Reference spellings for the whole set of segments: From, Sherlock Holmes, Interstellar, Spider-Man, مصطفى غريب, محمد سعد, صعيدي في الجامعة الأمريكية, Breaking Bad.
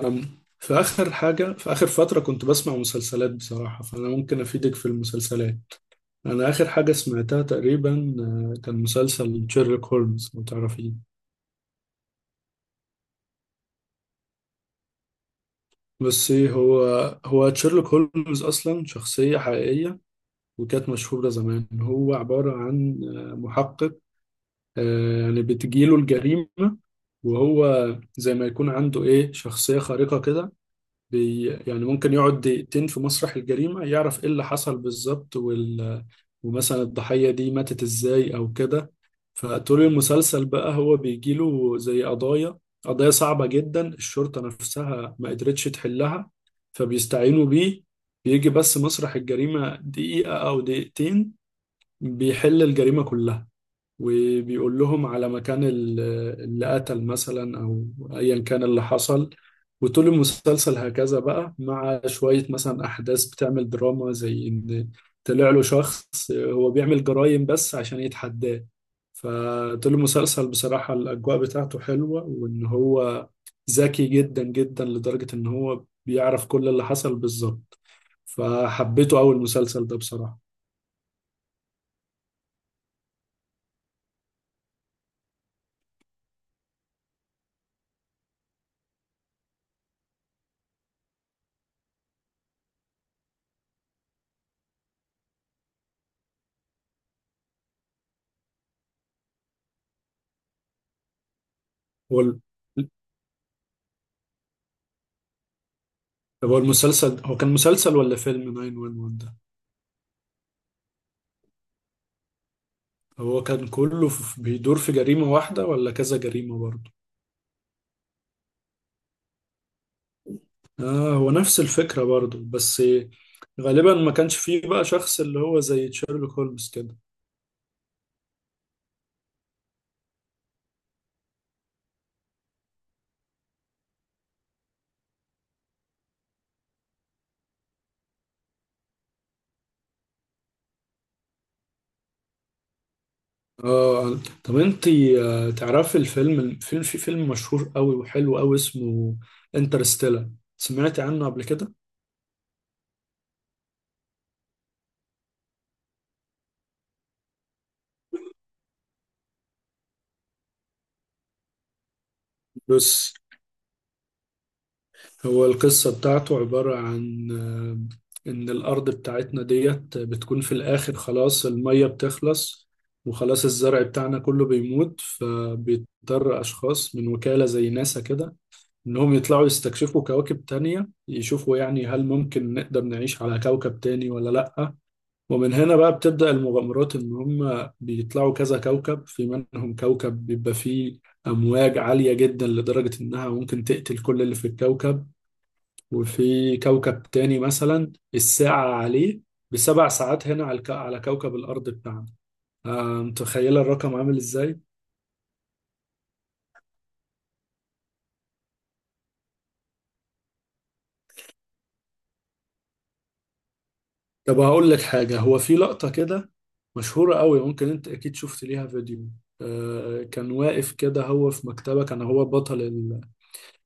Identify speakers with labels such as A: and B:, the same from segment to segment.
A: أم، في آخر حاجة في آخر فترة كنت بسمع مسلسلات بصراحة، فأنا ممكن أفيدك في المسلسلات. أنا آخر حاجة سمعتها تقريبا كان مسلسل شيرلوك هولمز لو تعرفيه. بس إيه هو شيرلوك هولمز أصلا شخصية حقيقية وكانت مشهورة زمان. هو عبارة عن محقق، يعني بتجيله الجريمة، وهو زي ما يكون عنده إيه شخصية خارقة كده. يعني ممكن يقعد دقيقتين في مسرح الجريمة يعرف ايه اللي حصل بالظبط، ومثلا الضحية دي ماتت ازاي او كده. فطول المسلسل بقى هو بيجيله زي قضايا صعبة جدا الشرطة نفسها ما قدرتش تحلها، فبيستعينوا بيه. بيجي بس مسرح الجريمة دقيقة او دقيقتين بيحل الجريمة كلها، وبيقول لهم على مكان اللي قتل مثلا او ايا كان اللي حصل. وطول المسلسل هكذا بقى، مع شوية مثلا احداث بتعمل دراما زي ان طلع له شخص هو بيعمل جرائم بس عشان يتحداه. فطول المسلسل بصراحة الاجواء بتاعته حلوة، وان هو ذكي جدا جدا لدرجة ان هو بيعرف كل اللي حصل بالظبط. فحبيته، اول مسلسل ده بصراحة. قول، طب هو المسلسل هو كان مسلسل ولا فيلم 911 ده؟ هو كان كله بيدور في جريمة واحدة ولا كذا جريمة برضه؟ اه هو نفس الفكرة برضه بس غالبا ما كانش فيه بقى شخص اللي هو زي شيرلوك هولمز كده. اه طب انت تعرفي الفيلم الفيلم في فيلم مشهور قوي وحلو قوي اسمه انترستيلر؟ سمعتي عنه قبل كده؟ بص، هو القصة بتاعته عبارة عن إن الأرض بتاعتنا ديت بتكون في الآخر خلاص المية بتخلص وخلاص الزرع بتاعنا كله بيموت، فبيضطر أشخاص من وكالة زي ناسا كده إنهم يطلعوا يستكشفوا كواكب تانية، يشوفوا يعني هل ممكن نقدر نعيش على كوكب تاني ولا لأ. ومن هنا بقى بتبدأ المغامرات إن هم بيطلعوا كذا كوكب، في منهم كوكب بيبقى فيه أمواج عالية جدا لدرجة إنها ممكن تقتل كل اللي في الكوكب، وفي كوكب تاني مثلا الساعة عليه بسبع ساعات هنا على على كوكب الأرض بتاعنا. متخيلة الرقم عامل إزاي؟ طب هقول لك حاجة، هو في لقطة كده مشهورة قوي ممكن أنت أكيد شفت ليها فيديو. كان واقف كده هو في مكتبة، كان هو بطل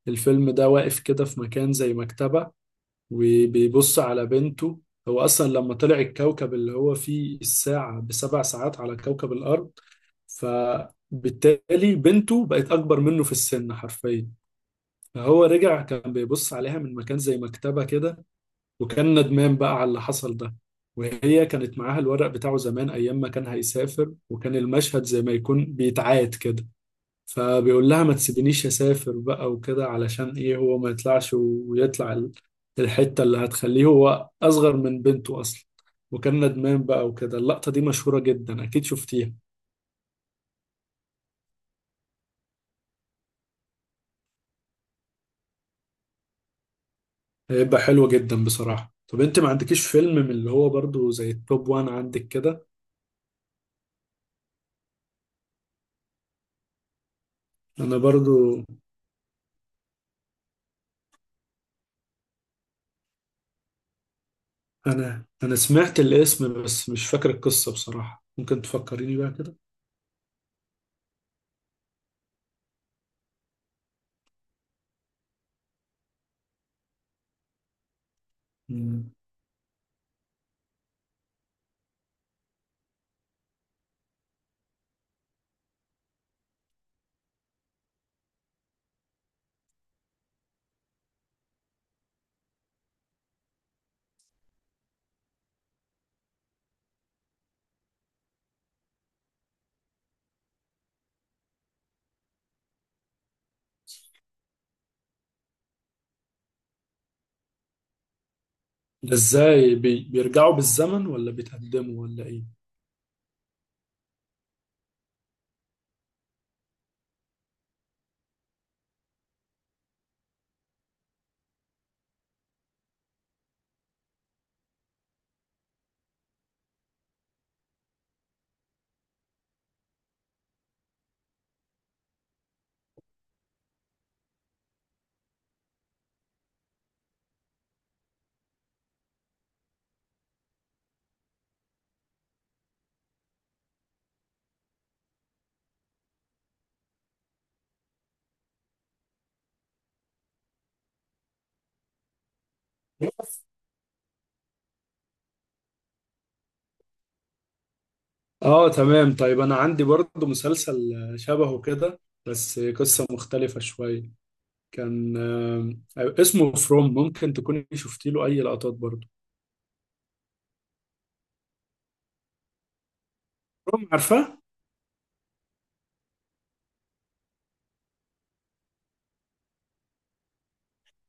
A: الفيلم ده واقف كده في مكان زي مكتبة وبيبص على بنته. هو أصلا لما طلع الكوكب اللي هو فيه الساعة بسبع ساعات على كوكب الأرض، فبالتالي بنته بقت أكبر منه في السن حرفيا. فهو رجع كان بيبص عليها من مكان زي مكتبة كده، وكان ندمان بقى على اللي حصل ده. وهي كانت معاها الورق بتاعه زمان أيام ما كان هيسافر، وكان المشهد زي ما يكون بيتعاد كده. فبيقول لها ما تسيبينيش أسافر بقى وكده، علشان إيه هو ما يطلعش ويطلع الحتة اللي هتخليه هو أصغر من بنته أصلا، وكان ندمان بقى وكده. اللقطة دي مشهورة جدا أكيد شفتيها. هيبقى حلو جدا بصراحة. طب انت ما عندكيش فيلم من اللي هو برضو زي التوب وان عندك كده؟ انا برضو. انا سمعت الاسم بس مش فاكر القصة بصراحة، ممكن تفكريني بقى كده. مم. ده ازاي بيرجعوا بالزمن ولا بيتقدموا ولا ايه؟ اه تمام. طيب انا عندي برضو مسلسل شبهه كده، بس قصة مختلفة شوية. كان اسمه فروم، ممكن تكوني شفتي له اي لقطات برضو؟ فروم عارفة.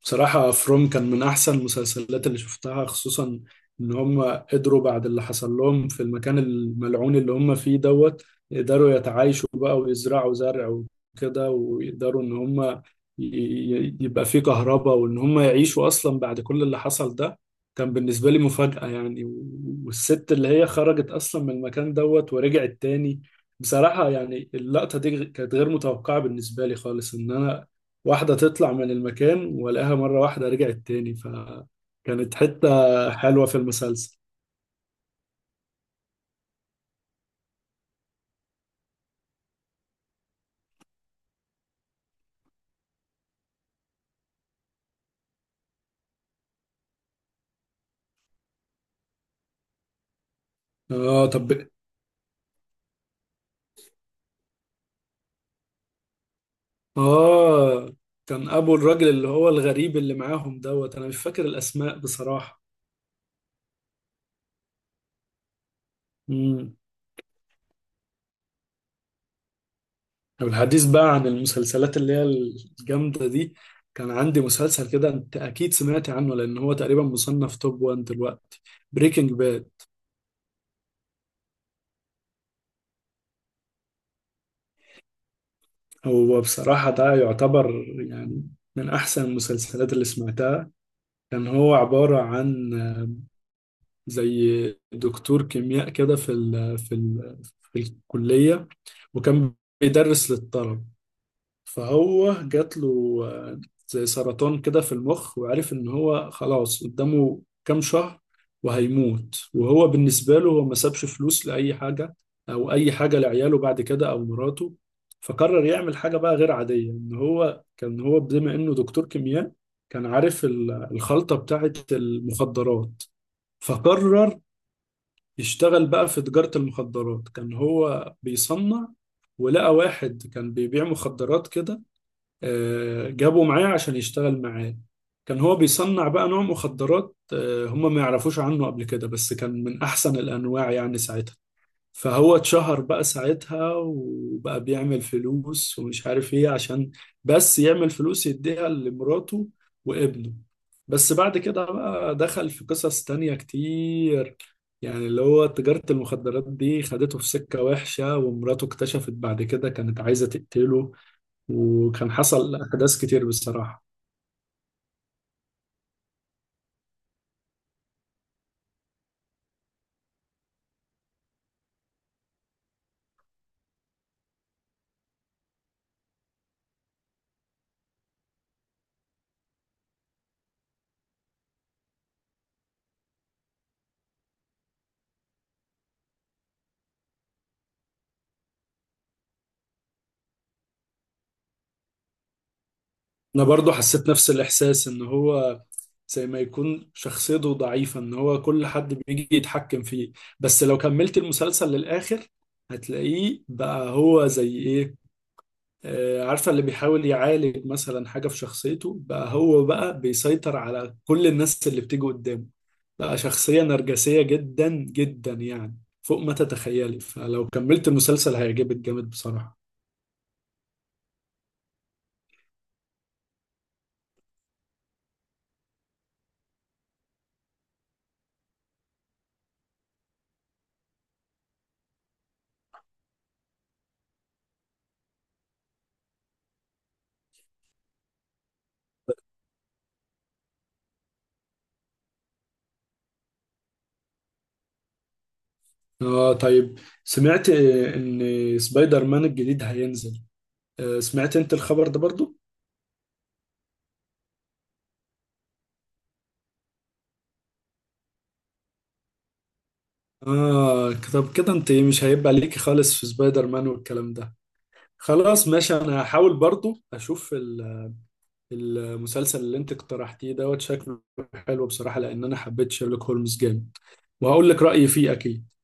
A: بصراحة فروم كان من أحسن المسلسلات اللي شفتها، خصوصا إن هم قدروا بعد اللي حصل لهم في المكان الملعون اللي هم فيه دوت يقدروا يتعايشوا بقى ويزرعوا زرع وكده، ويقدروا إن هم يبقى فيه كهرباء وإن هم يعيشوا أصلا بعد كل اللي حصل ده. كان بالنسبة لي مفاجأة يعني والست اللي هي خرجت أصلا من المكان دوت ورجعت تاني. بصراحة يعني اللقطة دي كانت غير متوقعة بالنسبة لي خالص، إن أنا واحدة تطلع من المكان والاقيها مرة واحدة رجعت تاني، فكانت حتة حلوة في المسلسل. اه طب. اه كان ابو الراجل اللي هو الغريب اللي معاهم دوت، انا مش فاكر الاسماء بصراحة. امم طب الحديث بقى عن المسلسلات اللي هي الجامدة دي. كان عندي مسلسل كده انت اكيد سمعت عنه لان هو تقريبا مصنف توب 1 دلوقتي، بريكنج باد. هو بصراحة ده يعتبر يعني من احسن المسلسلات اللي سمعتها. كان هو عبارة عن زي دكتور كيمياء كده في الكلية وكان بيدرس للطلب. فهو جات له زي سرطان كده في المخ، وعرف ان هو خلاص قدامه كام شهر وهيموت. وهو بالنسبة له هو ما سابش فلوس لأي حاجة أو أي حاجة لعياله بعد كده أو مراته. فقرر يعمل حاجة بقى غير عادية، إن هو كان هو بما إنه دكتور كيمياء كان عارف الخلطة بتاعت المخدرات، فقرر يشتغل بقى في تجارة المخدرات. كان هو بيصنع، ولقى واحد كان بيبيع مخدرات كده، جابه معاه عشان يشتغل معاه. كان هو بيصنع بقى نوع مخدرات هم ما يعرفوش عنه قبل كده بس كان من أحسن الأنواع يعني ساعتها. فهو اتشهر بقى ساعتها وبقى بيعمل فلوس ومش عارف ايه، عشان بس يعمل فلوس يديها لمراته وابنه. بس بعد كده بقى دخل في قصص تانية كتير، يعني اللي هو تجارة المخدرات دي خدته في سكة وحشة، ومراته اكتشفت بعد كده كانت عايزة تقتله، وكان حصل أحداث كتير بصراحة. انا برضو حسيت نفس الاحساس ان هو زي ما يكون شخصيته ضعيفة ان هو كل حد بيجي يتحكم فيه. بس لو كملت المسلسل للاخر هتلاقيه بقى هو زي ايه، عارفة اللي بيحاول يعالج مثلا حاجة في شخصيته بقى هو بقى بيسيطر على كل الناس اللي بتيجي قدامه. بقى شخصية نرجسية جدا جدا يعني فوق ما تتخيلي. فلو كملت المسلسل هيعجبك جامد بصراحة. اه طيب، سمعت ان سبايدر مان الجديد هينزل؟ سمعت انت الخبر ده برضو؟ اه طب كده انت مش هيبقى ليكي خالص في سبايدر مان والكلام ده؟ خلاص ماشي، انا هحاول برضو اشوف المسلسل اللي انت اقترحتيه دوت، شكله حلو بصراحة لان انا حبيت شيرلوك هولمز جامد. وهقول لك رأيي فيه اكيد.